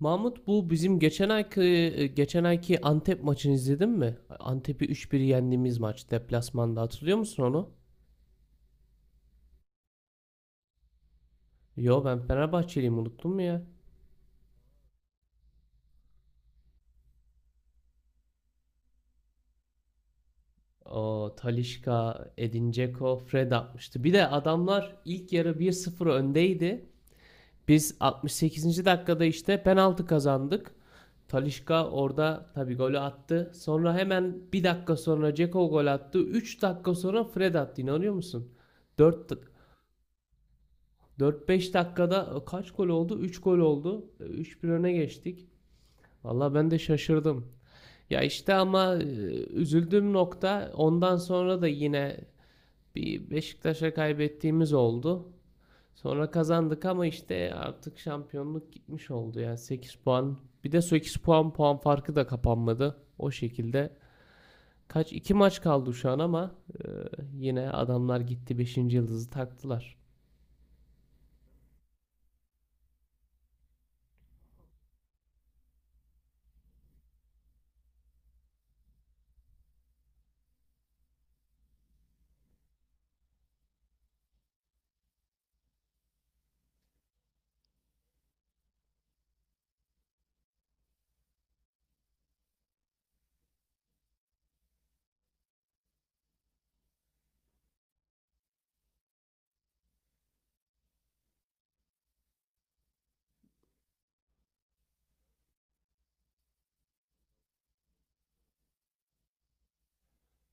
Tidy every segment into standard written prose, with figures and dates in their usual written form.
Mahmut bu bizim geçen ayki Antep maçını izledin mi? Antep'i 3-1 yendiğimiz maç deplasmanda hatırlıyor musun onu? Yo, ben Fenerbahçeliyim, unuttum mu ya? O Talisca, Edin Dzeko, Fred atmıştı. Bir de adamlar ilk yarı 1-0 öndeydi. Biz 68. dakikada işte penaltı kazandık. Talisca orada tabii golü attı. Sonra hemen bir dakika sonra Dzeko gol attı. 3 dakika sonra Fred attı. İnanıyor musun? 4 4-5 dakikada kaç gol oldu? 3 gol oldu. 3-1 öne geçtik. Valla ben de şaşırdım. Ya işte ama üzüldüğüm nokta ondan sonra da yine bir Beşiktaş'a kaybettiğimiz oldu. Sonra kazandık ama işte artık şampiyonluk gitmiş oldu ya. 8 puan. Bir de 8 puan farkı da kapanmadı. O şekilde. Kaç? 2 maç kaldı şu an ama e, yine adamlar gitti beşinci yıldızı taktılar.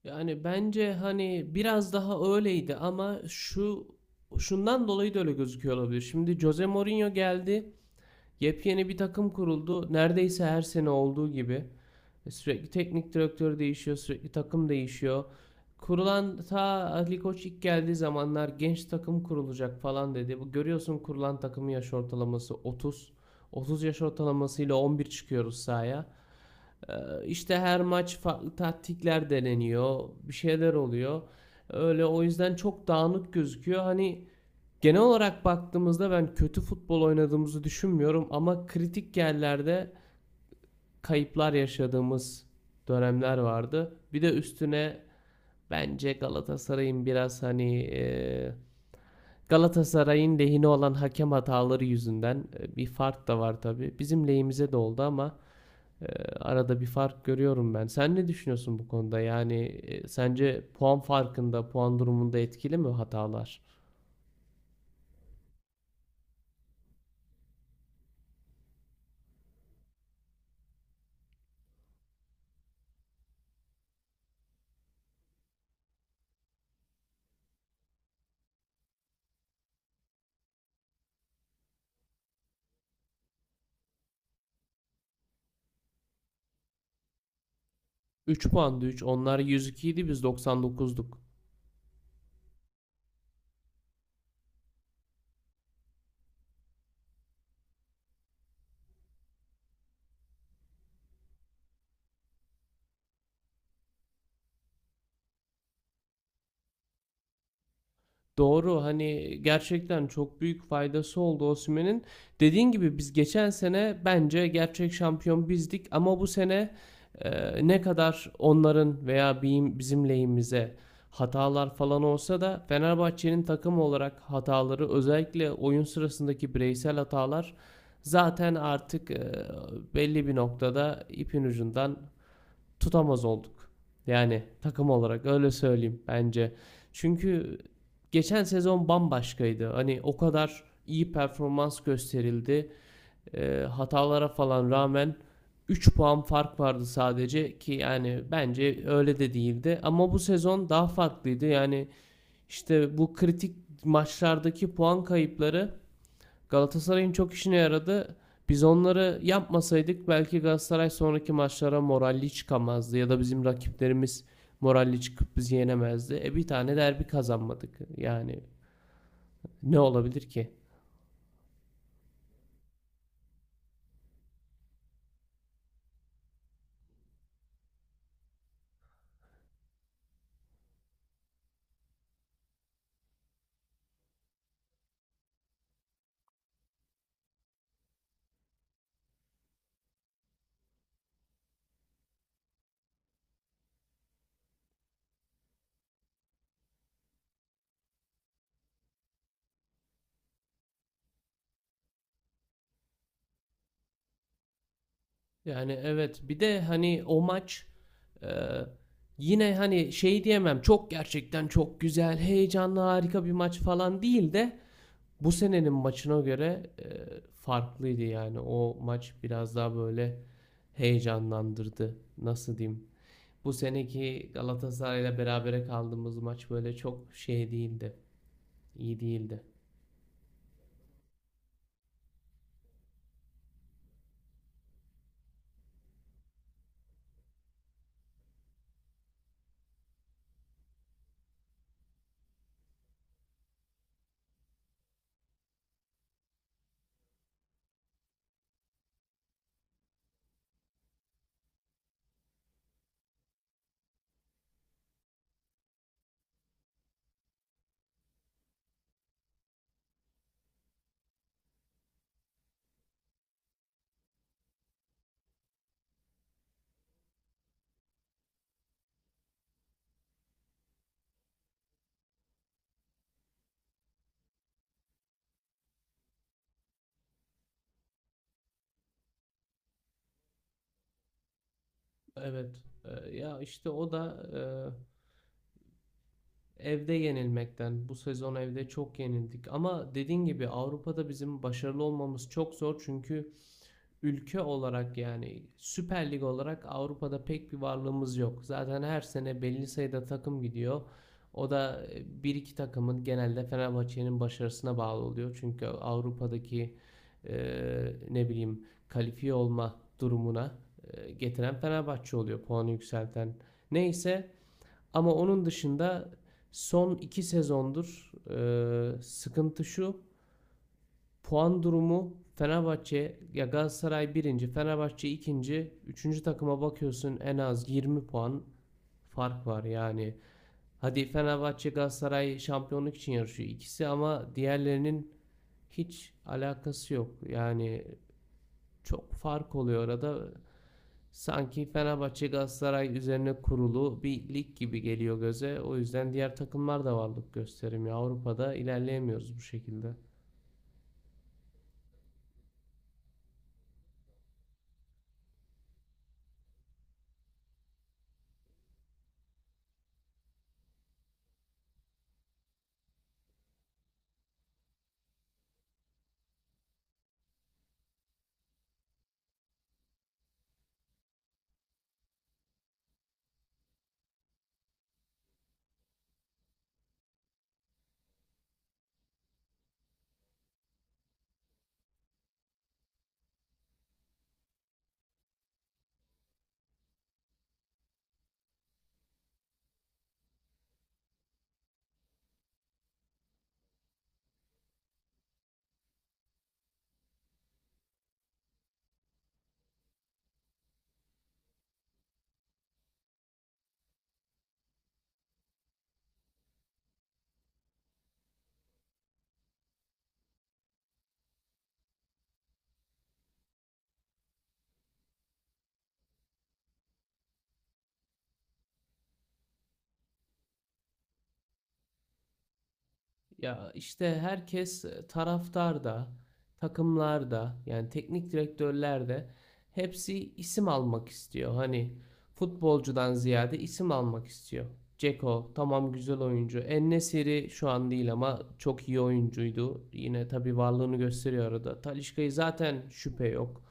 Yani bence hani biraz daha öyleydi ama şundan dolayı da öyle gözüküyor olabilir. Şimdi Jose Mourinho geldi. Yepyeni bir takım kuruldu. Neredeyse her sene olduğu gibi. Sürekli teknik direktör değişiyor, sürekli takım değişiyor. Kurulan ta Ali Koç ilk geldiği zamanlar genç takım kurulacak falan dedi. Bu görüyorsun kurulan takımın yaş ortalaması 30. 30 yaş ortalamasıyla 11 çıkıyoruz sahaya. İşte her maç farklı taktikler deneniyor, bir şeyler oluyor. Öyle o yüzden çok dağınık gözüküyor. Hani genel olarak baktığımızda ben kötü futbol oynadığımızı düşünmüyorum ama kritik yerlerde kayıplar yaşadığımız dönemler vardı. Bir de üstüne bence Galatasaray'ın biraz hani Galatasaray'ın lehine olan hakem hataları yüzünden bir fark da var tabii. Bizim lehimize de oldu ama ee, arada bir fark görüyorum ben. Sen ne düşünüyorsun bu konuda? Yani sence puan farkında, puan durumunda etkili mi hatalar? 3 puandı 3. Onlar 102 idi, biz 99'duk. Doğru, hani gerçekten çok büyük faydası oldu Osimhen'in. Dediğin gibi biz geçen sene bence gerçek şampiyon bizdik ama bu sene ne kadar onların veya bizim, lehimize hatalar falan olsa da Fenerbahçe'nin takım olarak hataları, özellikle oyun sırasındaki bireysel hatalar zaten artık belli bir noktada ipin ucundan tutamaz olduk. Yani takım olarak öyle söyleyeyim bence. Çünkü geçen sezon bambaşkaydı. Hani o kadar iyi performans gösterildi. Hatalara falan rağmen 3 puan fark vardı sadece ki, yani bence öyle de değildi. Ama bu sezon daha farklıydı. Yani işte bu kritik maçlardaki puan kayıpları Galatasaray'ın çok işine yaradı. Biz onları yapmasaydık belki Galatasaray sonraki maçlara moralli çıkamazdı ya da bizim rakiplerimiz moralli çıkıp bizi yenemezdi. Bir tane derbi kazanmadık. Yani ne olabilir ki? Yani evet, bir de hani o maç e, yine hani şey diyemem çok, gerçekten çok güzel, heyecanlı, harika bir maç falan değil de bu senenin maçına göre farklıydı. Yani o maç biraz daha böyle heyecanlandırdı. Nasıl diyeyim? Bu seneki Galatasaray'la berabere kaldığımız maç böyle çok şey değildi. İyi değildi. Evet. Ya işte o da e, evde yenilmekten. Bu sezon evde çok yenildik. Ama dediğin gibi Avrupa'da bizim başarılı olmamız çok zor çünkü ülke olarak, yani Süper Lig olarak Avrupa'da pek bir varlığımız yok. Zaten her sene belli sayıda takım gidiyor. O da bir iki takımın, genelde Fenerbahçe'nin başarısına bağlı oluyor. Çünkü Avrupa'daki e, ne bileyim kalifiye olma durumuna getiren Fenerbahçe oluyor. Puanı yükselten. Neyse, ama onun dışında son 2 sezondur sıkıntı şu. Puan durumu Fenerbahçe ya Galatasaray birinci, Fenerbahçe ikinci, üçüncü takıma bakıyorsun en az 20 puan fark var yani. Hadi Fenerbahçe Galatasaray şampiyonluk için yarışıyor ikisi ama diğerlerinin hiç alakası yok. Yani çok fark oluyor arada. Sanki Fenerbahçe Galatasaray üzerine kurulu bir lig gibi geliyor göze. O yüzden diğer takımlar da varlık gösterim ya. Avrupa'da ilerleyemiyoruz bu şekilde. Ya işte herkes, taraftar da, takımlar, yani teknik direktörlerde hepsi isim almak istiyor. Hani futbolcudan ziyade isim almak istiyor. Ceko tamam, güzel oyuncu. En-Nesyri şu an değil ama çok iyi oyuncuydu. Yine tabii varlığını gösteriyor arada. Talisca'yı zaten şüphe yok.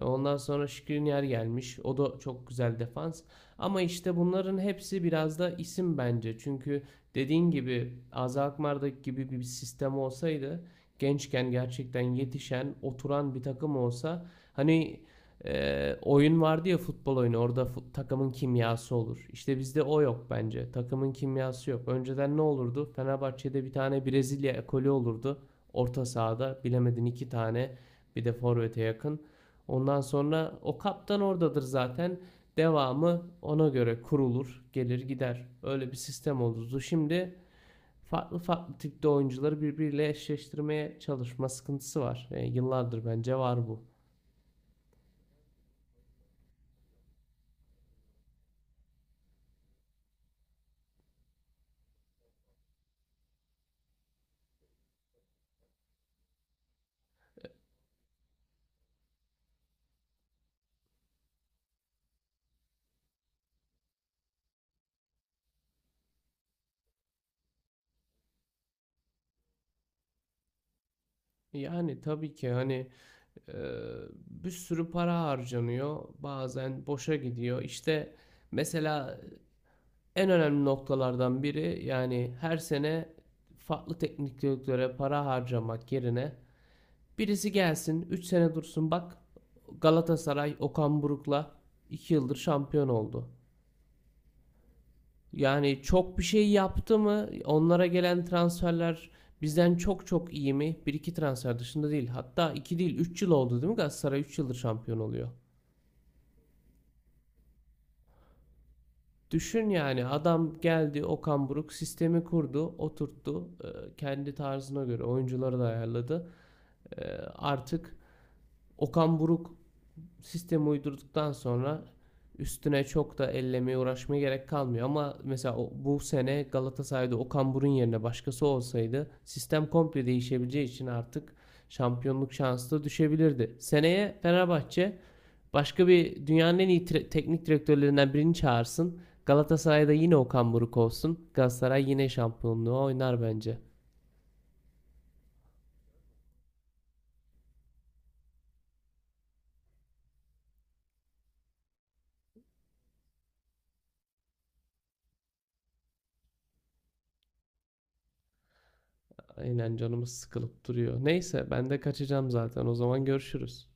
Ondan sonra Skriniar gelmiş. O da çok güzel defans. Ama işte bunların hepsi biraz da isim bence. Çünkü dediğin gibi Aza Akmar'daki gibi bir sistem olsaydı, gençken gerçekten yetişen, oturan bir takım olsa, hani oyun vardı ya, futbol oyunu orada, takımın kimyası olur. İşte bizde o yok bence. Takımın kimyası yok. Önceden ne olurdu? Fenerbahçe'de bir tane Brezilya ekolü olurdu. Orta sahada bilemedin iki tane, bir de forvete yakın. Ondan sonra o kaptan oradadır zaten. Devamı ona göre kurulur, gelir gider. Öyle bir sistem olurdu. Şimdi farklı farklı tipte oyuncuları birbiriyle eşleştirmeye çalışma sıkıntısı var. Yıllardır bence var bu. Yani tabii ki hani e, bir sürü para harcanıyor. Bazen boşa gidiyor. İşte mesela en önemli noktalardan biri, yani her sene farklı teknik direktöre para harcamak yerine birisi gelsin 3 sene dursun. Bak Galatasaray Okan Buruk'la 2 yıldır şampiyon oldu. Yani çok bir şey yaptı mı? Onlara gelen transferler bizden çok çok iyi mi? Bir iki transfer dışında değil. Hatta 2 değil 3 yıl oldu değil mi? Galatasaray 3 yıldır şampiyon oluyor. Düşün yani, adam geldi, Okan Buruk sistemi kurdu, oturttu. Kendi tarzına göre oyuncuları da ayarladı. E, Artık Okan Buruk sistemi uydurduktan sonra üstüne çok da ellemeye uğraşmaya gerek kalmıyor. Ama mesela bu sene Galatasaray'da Okan Burun yerine başkası olsaydı sistem komple değişebileceği için artık şampiyonluk şansı da düşebilirdi. Seneye Fenerbahçe başka bir dünyanın en iyi teknik direktörlerinden birini çağırsın. Galatasaray'da yine Okan Buruk olsun. Galatasaray yine şampiyonluğu oynar bence. Aynen, canımız sıkılıp duruyor. Neyse ben de kaçacağım zaten. O zaman görüşürüz.